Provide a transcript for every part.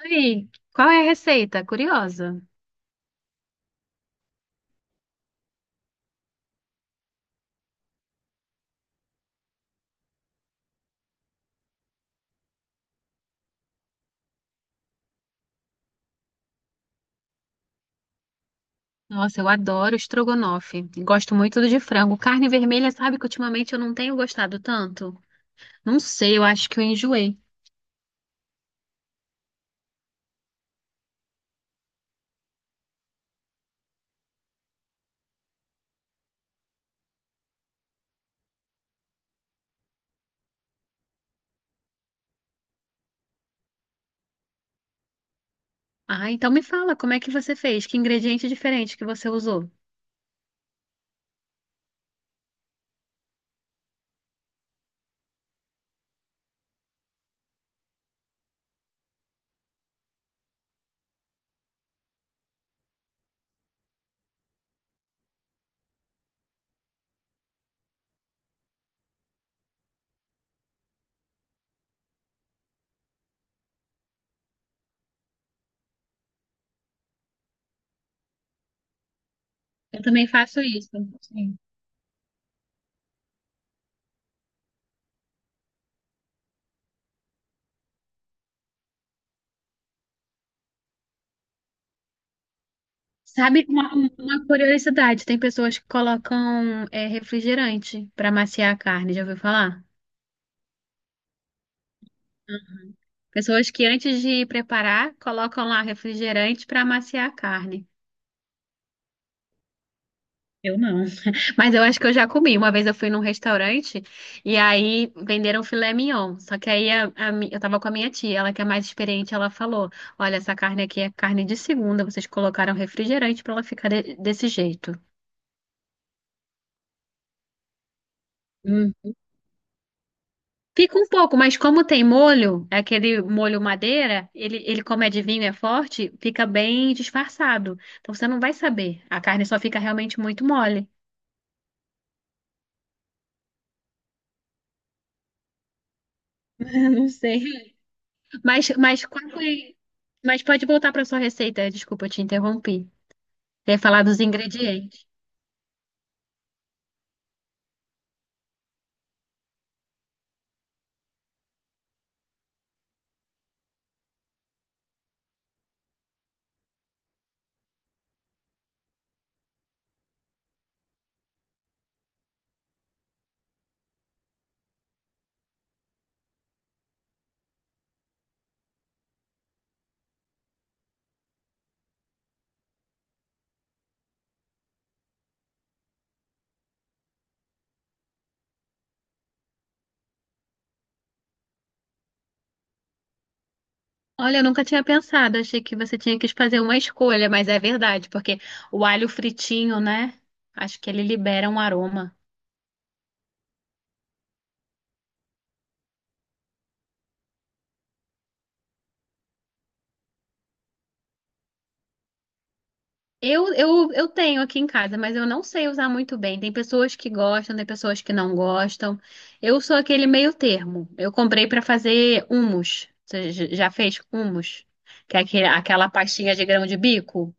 Aí, qual é a receita? Curiosa. Nossa, eu adoro estrogonofe. Gosto muito do de frango. Carne vermelha, sabe que ultimamente eu não tenho gostado tanto? Não sei, eu acho que eu enjoei. Ah, então me fala, como é que você fez? Que ingrediente diferente que você usou? Eu também faço isso. Sim. Sabe uma curiosidade? Tem pessoas que colocam é, refrigerante para maciar a carne, já ouviu falar? Pessoas que antes de preparar, colocam lá refrigerante para maciar a carne. Eu não. Mas eu acho que eu já comi. Uma vez eu fui num restaurante e aí venderam filé mignon. Só que aí eu tava com a minha tia, ela que é mais experiente, ela falou: Olha, essa carne aqui é carne de segunda, vocês colocaram refrigerante pra ela ficar desse jeito. Hum. Fica um pouco, mas como tem molho, é aquele molho madeira, ele como é de vinho, é forte, fica bem disfarçado. Então você não vai saber. A carne só fica realmente muito mole. Eu não sei. Mas qual foi? Mas pode voltar para sua receita. Desculpa, eu te interrompi. Quer falar dos ingredientes. Olha, eu nunca tinha pensado. Achei que você tinha que fazer uma escolha, mas é verdade, porque o alho fritinho, né? Acho que ele libera um aroma. Eu tenho aqui em casa, mas eu não sei usar muito bem. Tem pessoas que gostam, tem pessoas que não gostam. Eu sou aquele meio termo. Eu comprei para fazer hummus. Você já fez hummus? Que é aquela pastinha de grão de bico?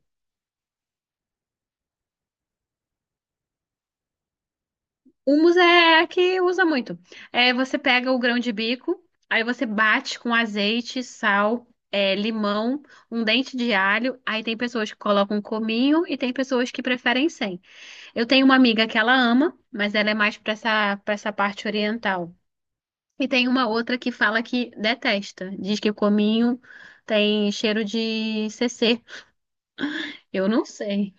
Hummus é a que usa muito. É, você pega o grão de bico, aí você bate com azeite, sal, é, limão, um dente de alho. Aí tem pessoas que colocam um cominho e tem pessoas que preferem sem. Eu tenho uma amiga que ela ama, mas ela é mais para essa parte oriental. E tem uma outra que fala que detesta. Diz que o cominho tem cheiro de CC. Eu não sei.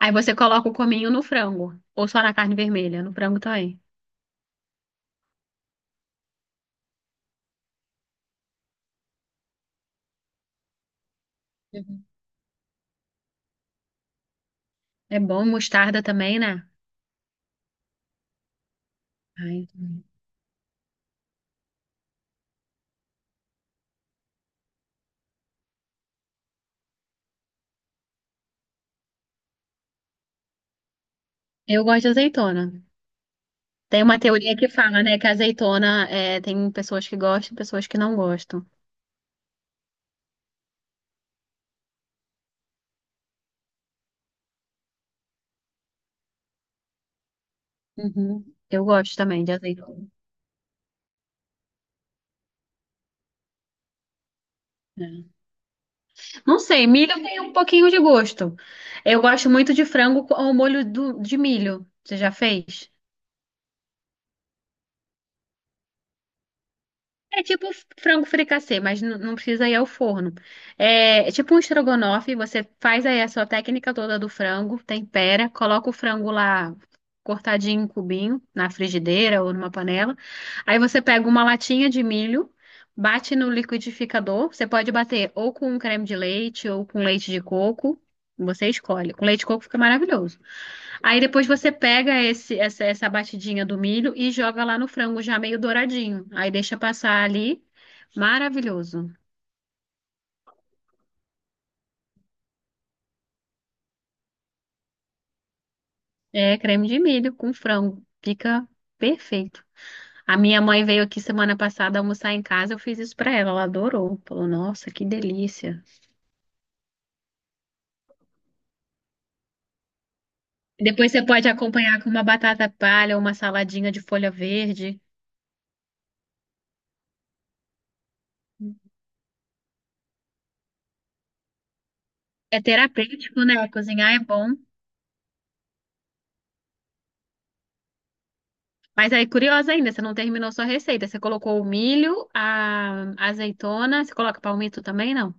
Aí você coloca o cominho no frango, ou só na carne vermelha, no frango também. É bom, mostarda também, né? Ai, eu gosto de azeitona. Tem uma teoria que fala, né, que a azeitona é, tem pessoas que gostam e pessoas que não gostam. Uhum. Eu gosto também de azeitona. É. Não sei, milho tem um pouquinho de gosto. Eu gosto muito de frango com o molho de milho. Você já fez? É tipo frango fricassê, mas não precisa ir ao forno. É, é tipo um estrogonofe, você faz aí a sua técnica toda do frango, tempera, coloca o frango lá cortadinho em cubinho, na frigideira ou numa panela. Aí você pega uma latinha de milho, bate no liquidificador. Você pode bater ou com um creme de leite ou com leite de coco, você escolhe. Com leite de coco fica maravilhoso. Aí depois você pega essa batidinha do milho e joga lá no frango já meio douradinho. Aí deixa passar ali. Maravilhoso. É creme de milho com frango. Fica perfeito. A minha mãe veio aqui semana passada almoçar em casa, eu fiz isso pra ela, ela adorou. Falou, nossa, que delícia. Depois você pode acompanhar com uma batata palha ou uma saladinha de folha verde. É terapêutico, né? Cozinhar é bom. Mas aí, curiosa ainda, você não terminou sua receita. Você colocou o milho, a azeitona, você coloca palmito também, não?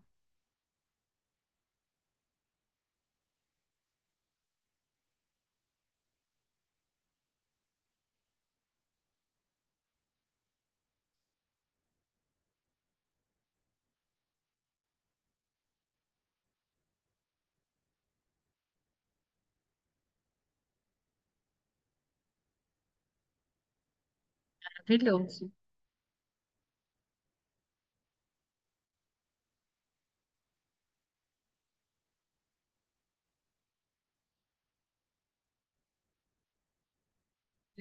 Maravilhoso.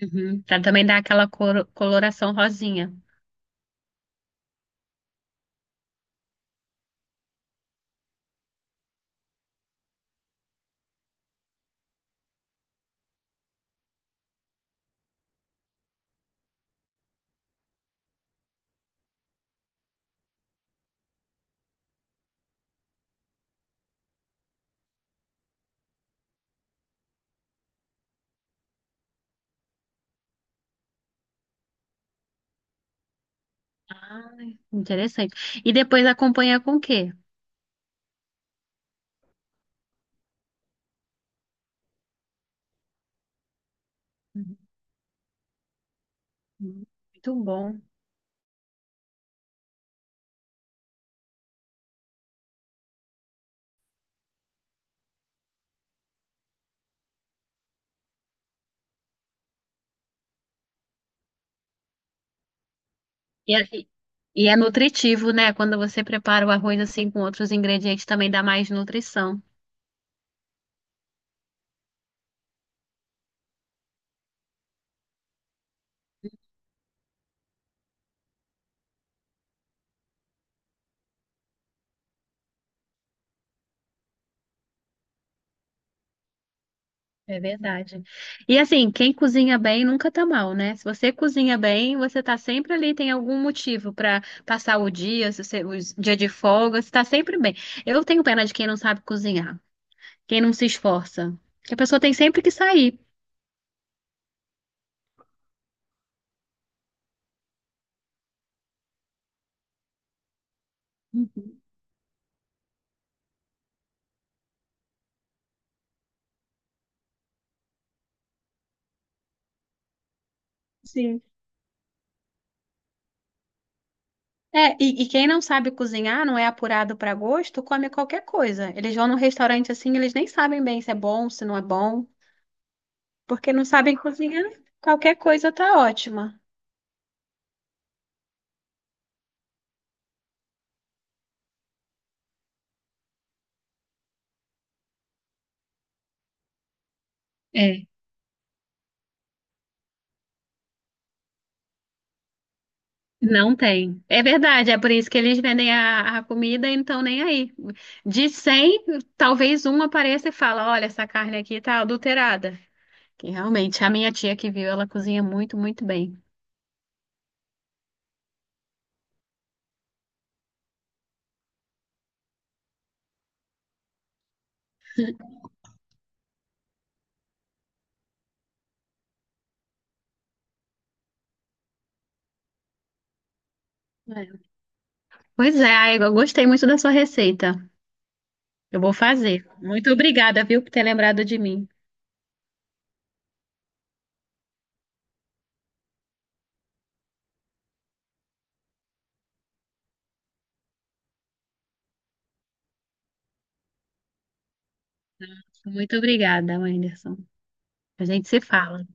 Uhum. Pra também dar aquela coloração rosinha. Ai, interessante. E depois acompanha com o quê? Uhum. Muito bom. E é, e e é nutritivo, né? Quando você prepara o arroz assim com outros ingredientes, também dá mais nutrição. É verdade. E assim, quem cozinha bem nunca tá mal, né? Se você cozinha bem, você tá sempre ali, tem algum motivo pra passar o dia, se você, o dia de folga, você tá sempre bem. Eu tenho pena de quem não sabe cozinhar, quem não se esforça. Que a pessoa tem sempre que sair. Uhum. Sim. E quem não sabe cozinhar, não é apurado pra gosto, come qualquer coisa. Eles vão num restaurante assim, eles nem sabem bem se é bom, se não é bom, porque não sabem cozinhar, qualquer coisa tá ótima. É. Não tem. É verdade, é por isso que eles vendem a comida e não estão nem aí. De 100, talvez um apareça e fala: Olha, essa carne aqui tá adulterada. Que realmente, a minha tia que viu, ela cozinha muito, muito bem. É. Pois é, ai, eu gostei muito da sua receita. Eu vou fazer. Muito obrigada, viu, por ter lembrado de mim. Muito obrigada, Anderson. A gente se fala.